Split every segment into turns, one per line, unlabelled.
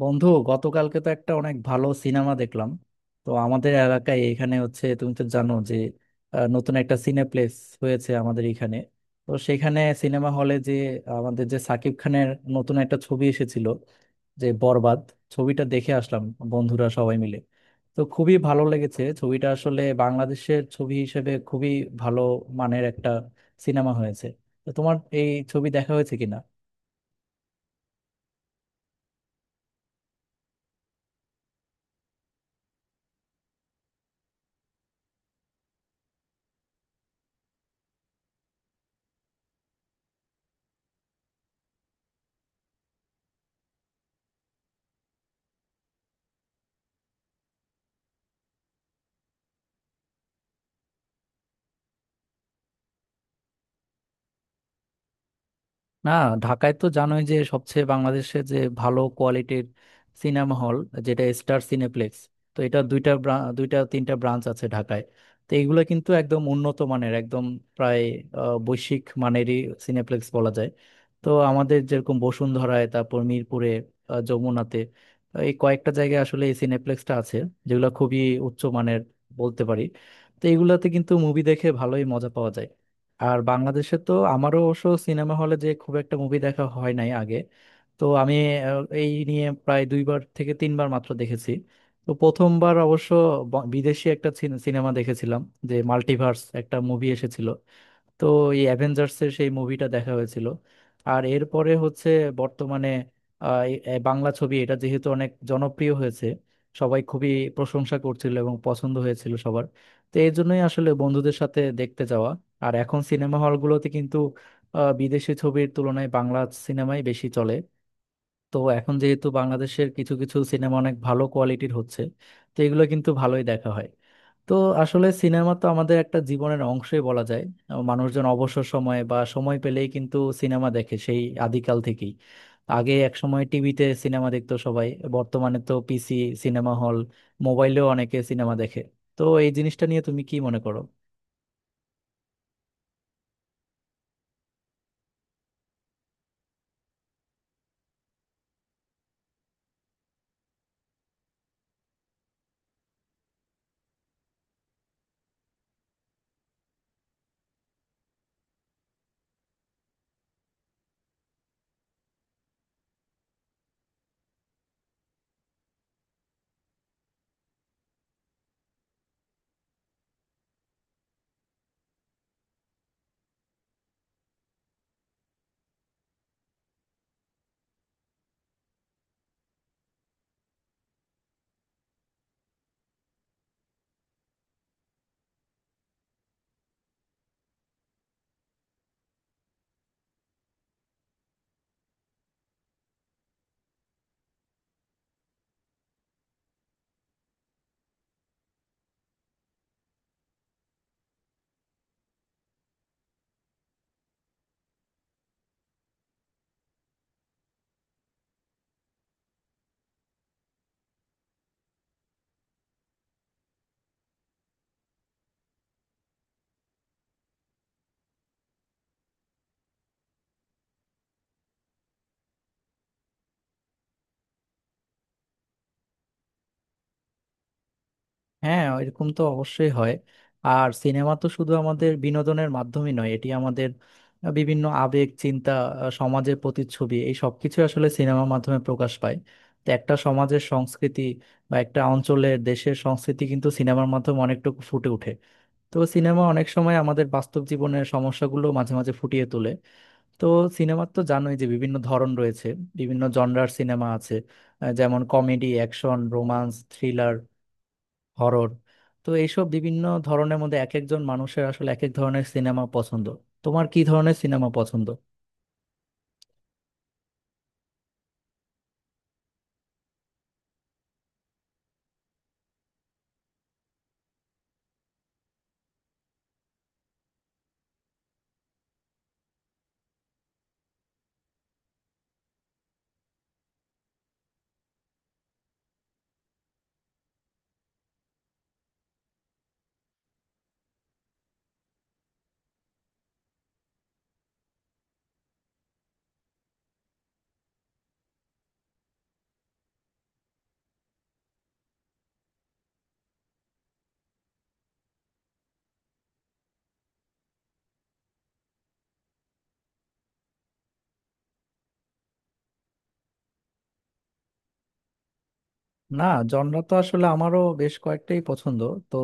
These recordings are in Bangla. বন্ধু, গতকালকে তো একটা অনেক ভালো সিনেমা দেখলাম। তো আমাদের এলাকায় এখানে হচ্ছে, তুমি তো জানো যে নতুন একটা সিনেপ্লেক্স হয়েছে আমাদের এখানে। তো সেখানে সিনেমা হলে যে আমাদের যে সাকিব খানের নতুন একটা ছবি এসেছিল, যে বরবাদ, ছবিটা দেখে আসলাম বন্ধুরা সবাই মিলে। তো খুবই ভালো লেগেছে ছবিটা, আসলে বাংলাদেশের ছবি হিসেবে খুবই ভালো মানের একটা সিনেমা হয়েছে। তো তোমার এই ছবি দেখা হয়েছে কিনা? না, ঢাকায় তো জানোই যে সবচেয়ে বাংলাদেশে যে ভালো কোয়ালিটির সিনেমা হল যেটা স্টার সিনেপ্লেক্স। তো এটা দুইটা তিনটা ব্রাঞ্চ আছে ঢাকায়। তো এইগুলো কিন্তু একদম উন্নত মানের, একদম প্রায় বৈশ্বিক মানেরই সিনেপ্লেক্স বলা যায়। তো আমাদের যেরকম বসুন্ধরায়, তারপর মিরপুরে, যমুনাতে, এই কয়েকটা জায়গায় আসলে এই সিনেপ্লেক্সটা আছে, যেগুলো খুবই উচ্চ মানের বলতে পারি। তো এইগুলাতে কিন্তু মুভি দেখে ভালোই মজা পাওয়া যায়। আর বাংলাদেশে তো আমারও অবশ্য সিনেমা হলে যে খুব একটা মুভি দেখা হয় নাই আগে। তো আমি এই নিয়ে প্রায় দুইবার থেকে তিনবার মাত্র দেখেছি। তো প্রথমবার অবশ্য বিদেশি একটা সিনেমা দেখেছিলাম, যে মাল্টিভার্স একটা মুভি এসেছিল। তো এই অ্যাভেঞ্জার্সের সেই মুভিটা দেখা হয়েছিল। আর এরপরে হচ্ছে বর্তমানে এই বাংলা ছবি, এটা যেহেতু অনেক জনপ্রিয় হয়েছে, সবাই খুবই প্রশংসা করছিল এবং পছন্দ হয়েছিল সবার। তো এই জন্যই আসলে বন্ধুদের সাথে দেখতে যাওয়া। আর এখন সিনেমা হলগুলোতে কিন্তু বিদেশি ছবির তুলনায় বাংলা সিনেমাই বেশি চলে। তো এখন যেহেতু বাংলাদেশের কিছু কিছু সিনেমা অনেক ভালো কোয়ালিটির হচ্ছে, তো এগুলো কিন্তু ভালোই দেখা হয়। তো আসলে সিনেমা তো আমাদের একটা জীবনের অংশই বলা যায়। মানুষজন অবসর সময়ে বা সময় পেলেই কিন্তু সিনেমা দেখে সেই আদিকাল থেকেই। আগে এক সময় টিভিতে সিনেমা দেখতো সবাই। বর্তমানে তো পিসি, সিনেমা হল, মোবাইলেও অনেকে সিনেমা দেখে। তো এই জিনিসটা নিয়ে তুমি কি মনে করো? হ্যাঁ, এরকম তো অবশ্যই হয়। আর সিনেমা তো শুধু আমাদের বিনোদনের মাধ্যমই নয়, এটি আমাদের বিভিন্ন আবেগ, চিন্তা, সমাজের প্রতিচ্ছবি, এই সবকিছু আসলে সিনেমার মাধ্যমে প্রকাশ পায়। তো একটা সমাজের সংস্কৃতি বা একটা অঞ্চলের দেশের সংস্কৃতি কিন্তু সিনেমার মাধ্যমে অনেকটুকু ফুটে ওঠে। তো সিনেমা অনেক সময় আমাদের বাস্তব জীবনের সমস্যাগুলো মাঝে মাঝে ফুটিয়ে তোলে। তো সিনেমার তো জানোই যে বিভিন্ন ধরন রয়েছে, বিভিন্ন জনরার সিনেমা আছে, যেমন comedy, action, romance, thriller, horror. তো এইসব বিভিন্ন ধরনের মধ্যে এক একজন মানুষের আসলে এক এক ধরনের সিনেমা পছন্দ। তোমার কি ধরনের সিনেমা পছন্দ? না, জনরা তো আসলে আমারও বেশ কয়েকটাই পছন্দ। তো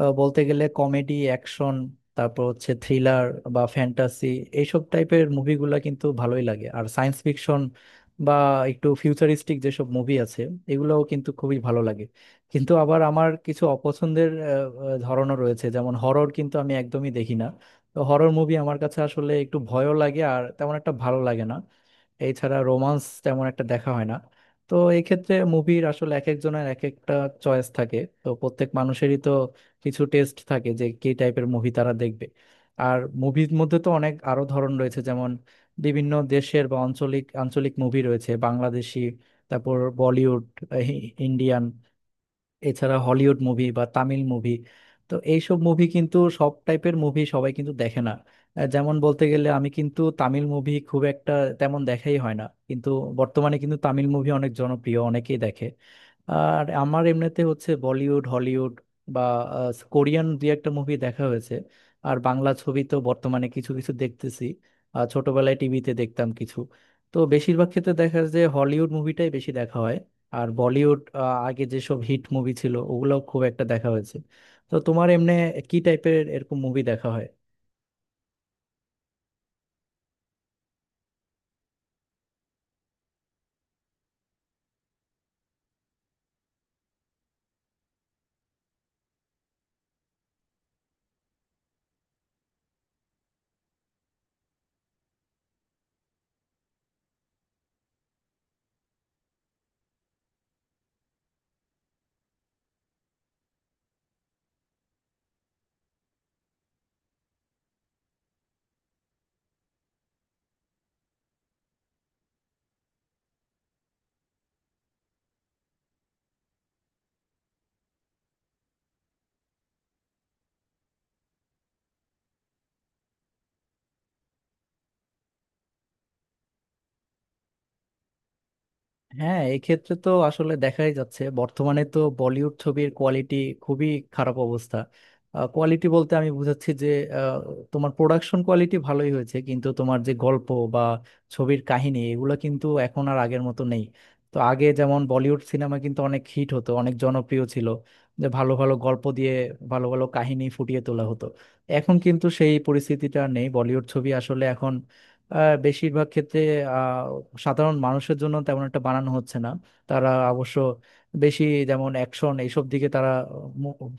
বলতে গেলে কমেডি, অ্যাকশন, তারপর হচ্ছে থ্রিলার বা ফ্যান্টাসি, এইসব টাইপের মুভিগুলা কিন্তু ভালোই লাগে। আর সায়েন্স ফিকশন বা একটু ফিউচারিস্টিক যেসব মুভি আছে, এগুলোও কিন্তু খুবই ভালো লাগে। কিন্তু আবার আমার কিছু অপছন্দের আহ, আহ, ধরনও রয়েছে, যেমন হরর কিন্তু আমি একদমই দেখি না। তো হরর মুভি আমার কাছে আসলে একটু ভয়ও লাগে আর তেমন একটা ভালো লাগে না। এছাড়া রোমান্স তেমন একটা দেখা হয় না। তো এক্ষেত্রে মুভির আসলে এক একজনের এক একটা চয়েস থাকে, তো প্রত্যেক মানুষেরই তো কিছু টেস্ট থাকে যে কি টাইপের মুভি তারা দেখবে। আর মুভির মধ্যে তো অনেক আরো ধরন রয়েছে, যেমন বিভিন্ন দেশের বা আঞ্চলিক আঞ্চলিক মুভি রয়েছে, বাংলাদেশি, তারপর বলিউড, ইন্ডিয়ান, এছাড়া হলিউড মুভি বা তামিল মুভি। তো এইসব মুভি কিন্তু সব টাইপের মুভি সবাই কিন্তু দেখে না। যেমন বলতে গেলে আমি কিন্তু তামিল মুভি খুব একটা তেমন দেখাই হয় না, কিন্তু বর্তমানে কিন্তু তামিল মুভি অনেক জনপ্রিয়, অনেকেই দেখে। আর আমার এমনিতে হচ্ছে বলিউড, হলিউড বা কোরিয়ান দুই একটা মুভি দেখা হয়েছে। আর বাংলা ছবি তো বর্তমানে কিছু কিছু দেখতেছি, আর ছোটবেলায় টিভিতে দেখতাম কিছু। তো বেশিরভাগ ক্ষেত্রে দেখা যায় যে হলিউড মুভিটাই বেশি দেখা হয়। আর বলিউড আগে যেসব হিট মুভি ছিল ওগুলোও খুব একটা দেখা হয়েছে। তো তোমার এমনি কি টাইপের এরকম মুভি দেখা হয়? হ্যাঁ, এক্ষেত্রে তো আসলে দেখাই যাচ্ছে বর্তমানে তো বলিউড ছবির কোয়ালিটি খুবই খারাপ অবস্থা। কোয়ালিটি বলতে আমি বুঝাচ্ছি যে আহ, তোমার প্রোডাকশন কোয়ালিটি ভালোই হয়েছে কিন্তু তোমার যে গল্প বা ছবির কাহিনী এগুলো কিন্তু এখন আর আগের মতো নেই। তো আগে যেমন বলিউড সিনেমা কিন্তু অনেক হিট হতো, অনেক জনপ্রিয় ছিল, যে ভালো ভালো গল্প দিয়ে ভালো ভালো কাহিনী ফুটিয়ে তোলা হতো। এখন কিন্তু সেই পরিস্থিতিটা আর নেই। বলিউড ছবি আসলে এখন বেশিরভাগ ক্ষেত্রে সাধারণ মানুষের জন্য তেমন একটা বানানো হচ্ছে না। তারা অবশ্য বেশি, যেমন অ্যাকশন, এইসব দিকে তারা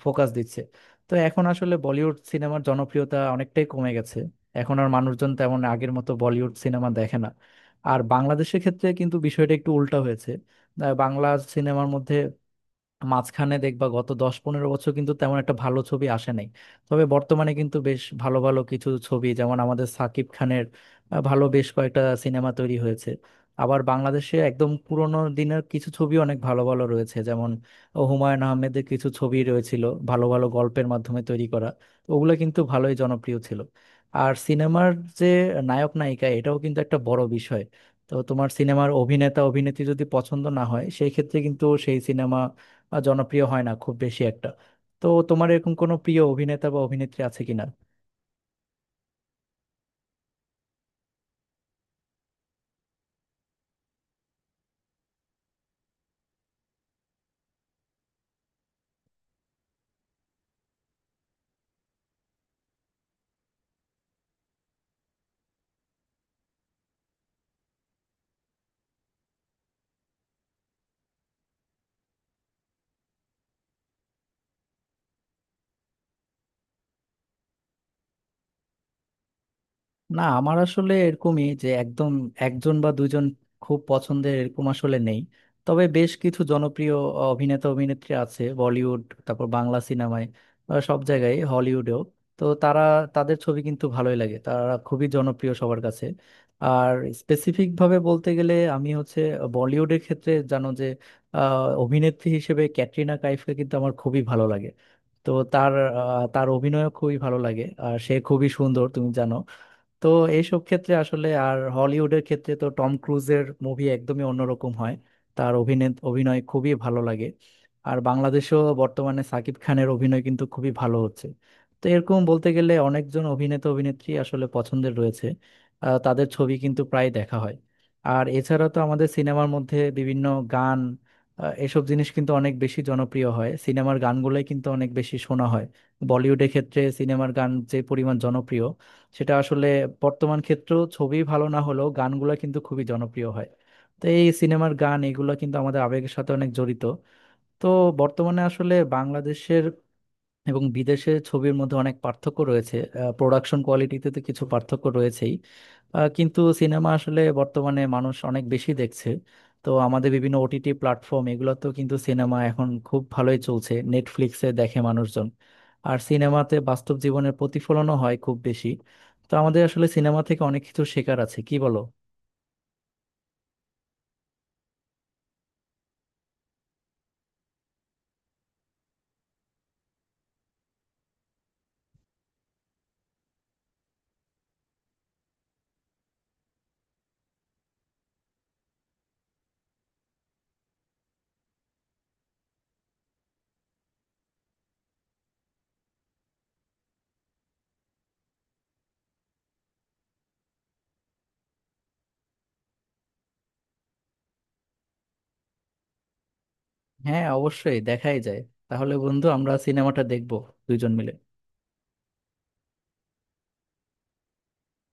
ফোকাস দিচ্ছে। তো এখন আসলে বলিউড সিনেমার জনপ্রিয়তা অনেকটাই কমে গেছে, এখন আর মানুষজন তেমন আগের মতো বলিউড সিনেমা দেখে না। আর বাংলাদেশের ক্ষেত্রে কিন্তু বিষয়টা একটু উল্টা হয়েছে। বাংলা সিনেমার মধ্যে মাঝখানে দেখবা গত 10-15 বছর কিন্তু তেমন একটা ভালো ছবি আসে নাই। তবে বর্তমানে কিন্তু বেশ ভালো ভালো কিছু ছবি, যেমন আমাদের সাকিব খানের ভালো বেশ কয়েকটা সিনেমা তৈরি হয়েছে। আবার বাংলাদেশে একদম পুরোনো দিনের কিছু ছবি অনেক ভালো ভালো রয়েছে, যেমন হুমায়ুন আহমেদের কিছু ছবি রয়েছিল, ভালো ভালো গল্পের মাধ্যমে তৈরি করা। তো ওগুলো কিন্তু ভালোই জনপ্রিয় ছিল। আর সিনেমার যে নায়ক নায়িকা এটাও কিন্তু একটা বড় বিষয়। তো তোমার সিনেমার অভিনেতা অভিনেত্রী যদি পছন্দ না হয় সেই ক্ষেত্রে কিন্তু সেই সিনেমা বা জনপ্রিয় হয় না খুব বেশি একটা। তো তোমার এরকম কোনো প্রিয় অভিনেতা বা অভিনেত্রী আছে কিনা? না, আমার আসলে এরকমই যে একদম একজন বা দুইজন খুব পছন্দের এরকম আসলে নেই। তবে বেশ কিছু জনপ্রিয় অভিনেতা অভিনেত্রী আছে, বলিউড, তারপর বাংলা সিনেমায়, সব জায়গায়, হলিউডেও। তো তারা, তাদের ছবি কিন্তু ভালোই লাগে, তারা খুবই জনপ্রিয় সবার কাছে। আর স্পেসিফিক ভাবে বলতে গেলে আমি হচ্ছে বলিউডের ক্ষেত্রে জানো যে অভিনেত্রী হিসেবে ক্যাটরিনা কাইফকে কিন্তু আমার খুবই ভালো লাগে। তো তার অভিনয়ও খুবই ভালো লাগে আর সে খুবই সুন্দর, তুমি জানো। তো এইসব ক্ষেত্রে আসলে, আর হলিউডের ক্ষেত্রে তো টম ক্রুজের মুভি একদমই অন্যরকম হয়, তার অভিনয় অভিনয় খুবই ভালো লাগে। আর বাংলাদেশেও বর্তমানে সাকিব খানের অভিনয় কিন্তু খুবই ভালো হচ্ছে। তো এরকম বলতে গেলে অনেকজন অভিনেতা অভিনেত্রী আসলে পছন্দের রয়েছে, তাদের ছবি কিন্তু প্রায় দেখা হয়। আর এছাড়া তো আমাদের সিনেমার মধ্যে বিভিন্ন গান, এসব জিনিস কিন্তু অনেক বেশি জনপ্রিয় হয়, সিনেমার গানগুলোই কিন্তু অনেক বেশি শোনা হয়। বলিউডের ক্ষেত্রে সিনেমার গান যে পরিমাণ জনপ্রিয়, সেটা আসলে বর্তমান ক্ষেত্রেও ছবি ভালো না হলেও গানগুলো কিন্তু খুবই জনপ্রিয় হয়। তো এই সিনেমার গান এগুলো কিন্তু আমাদের আবেগের সাথে অনেক জড়িত। তো বর্তমানে আসলে বাংলাদেশের এবং বিদেশের ছবির মধ্যে অনেক পার্থক্য রয়েছে, প্রোডাকশন কোয়ালিটিতে তো কিছু পার্থক্য রয়েছেই। কিন্তু সিনেমা আসলে বর্তমানে মানুষ অনেক বেশি দেখছে। তো আমাদের বিভিন্ন ওটিটি প্ল্যাটফর্ম এগুলোতেও কিন্তু সিনেমা এখন খুব ভালোই চলছে, নেটফ্লিক্সে দেখে মানুষজন। আর সিনেমাতে বাস্তব জীবনের প্রতিফলনও হয় খুব বেশি। তো আমাদের আসলে সিনেমা থেকে অনেক কিছু শেখার আছে, কি বলো? হ্যাঁ, অবশ্যই দেখাই যায়। তাহলে বন্ধু আমরা সিনেমাটা দেখবো দুইজন মিলে।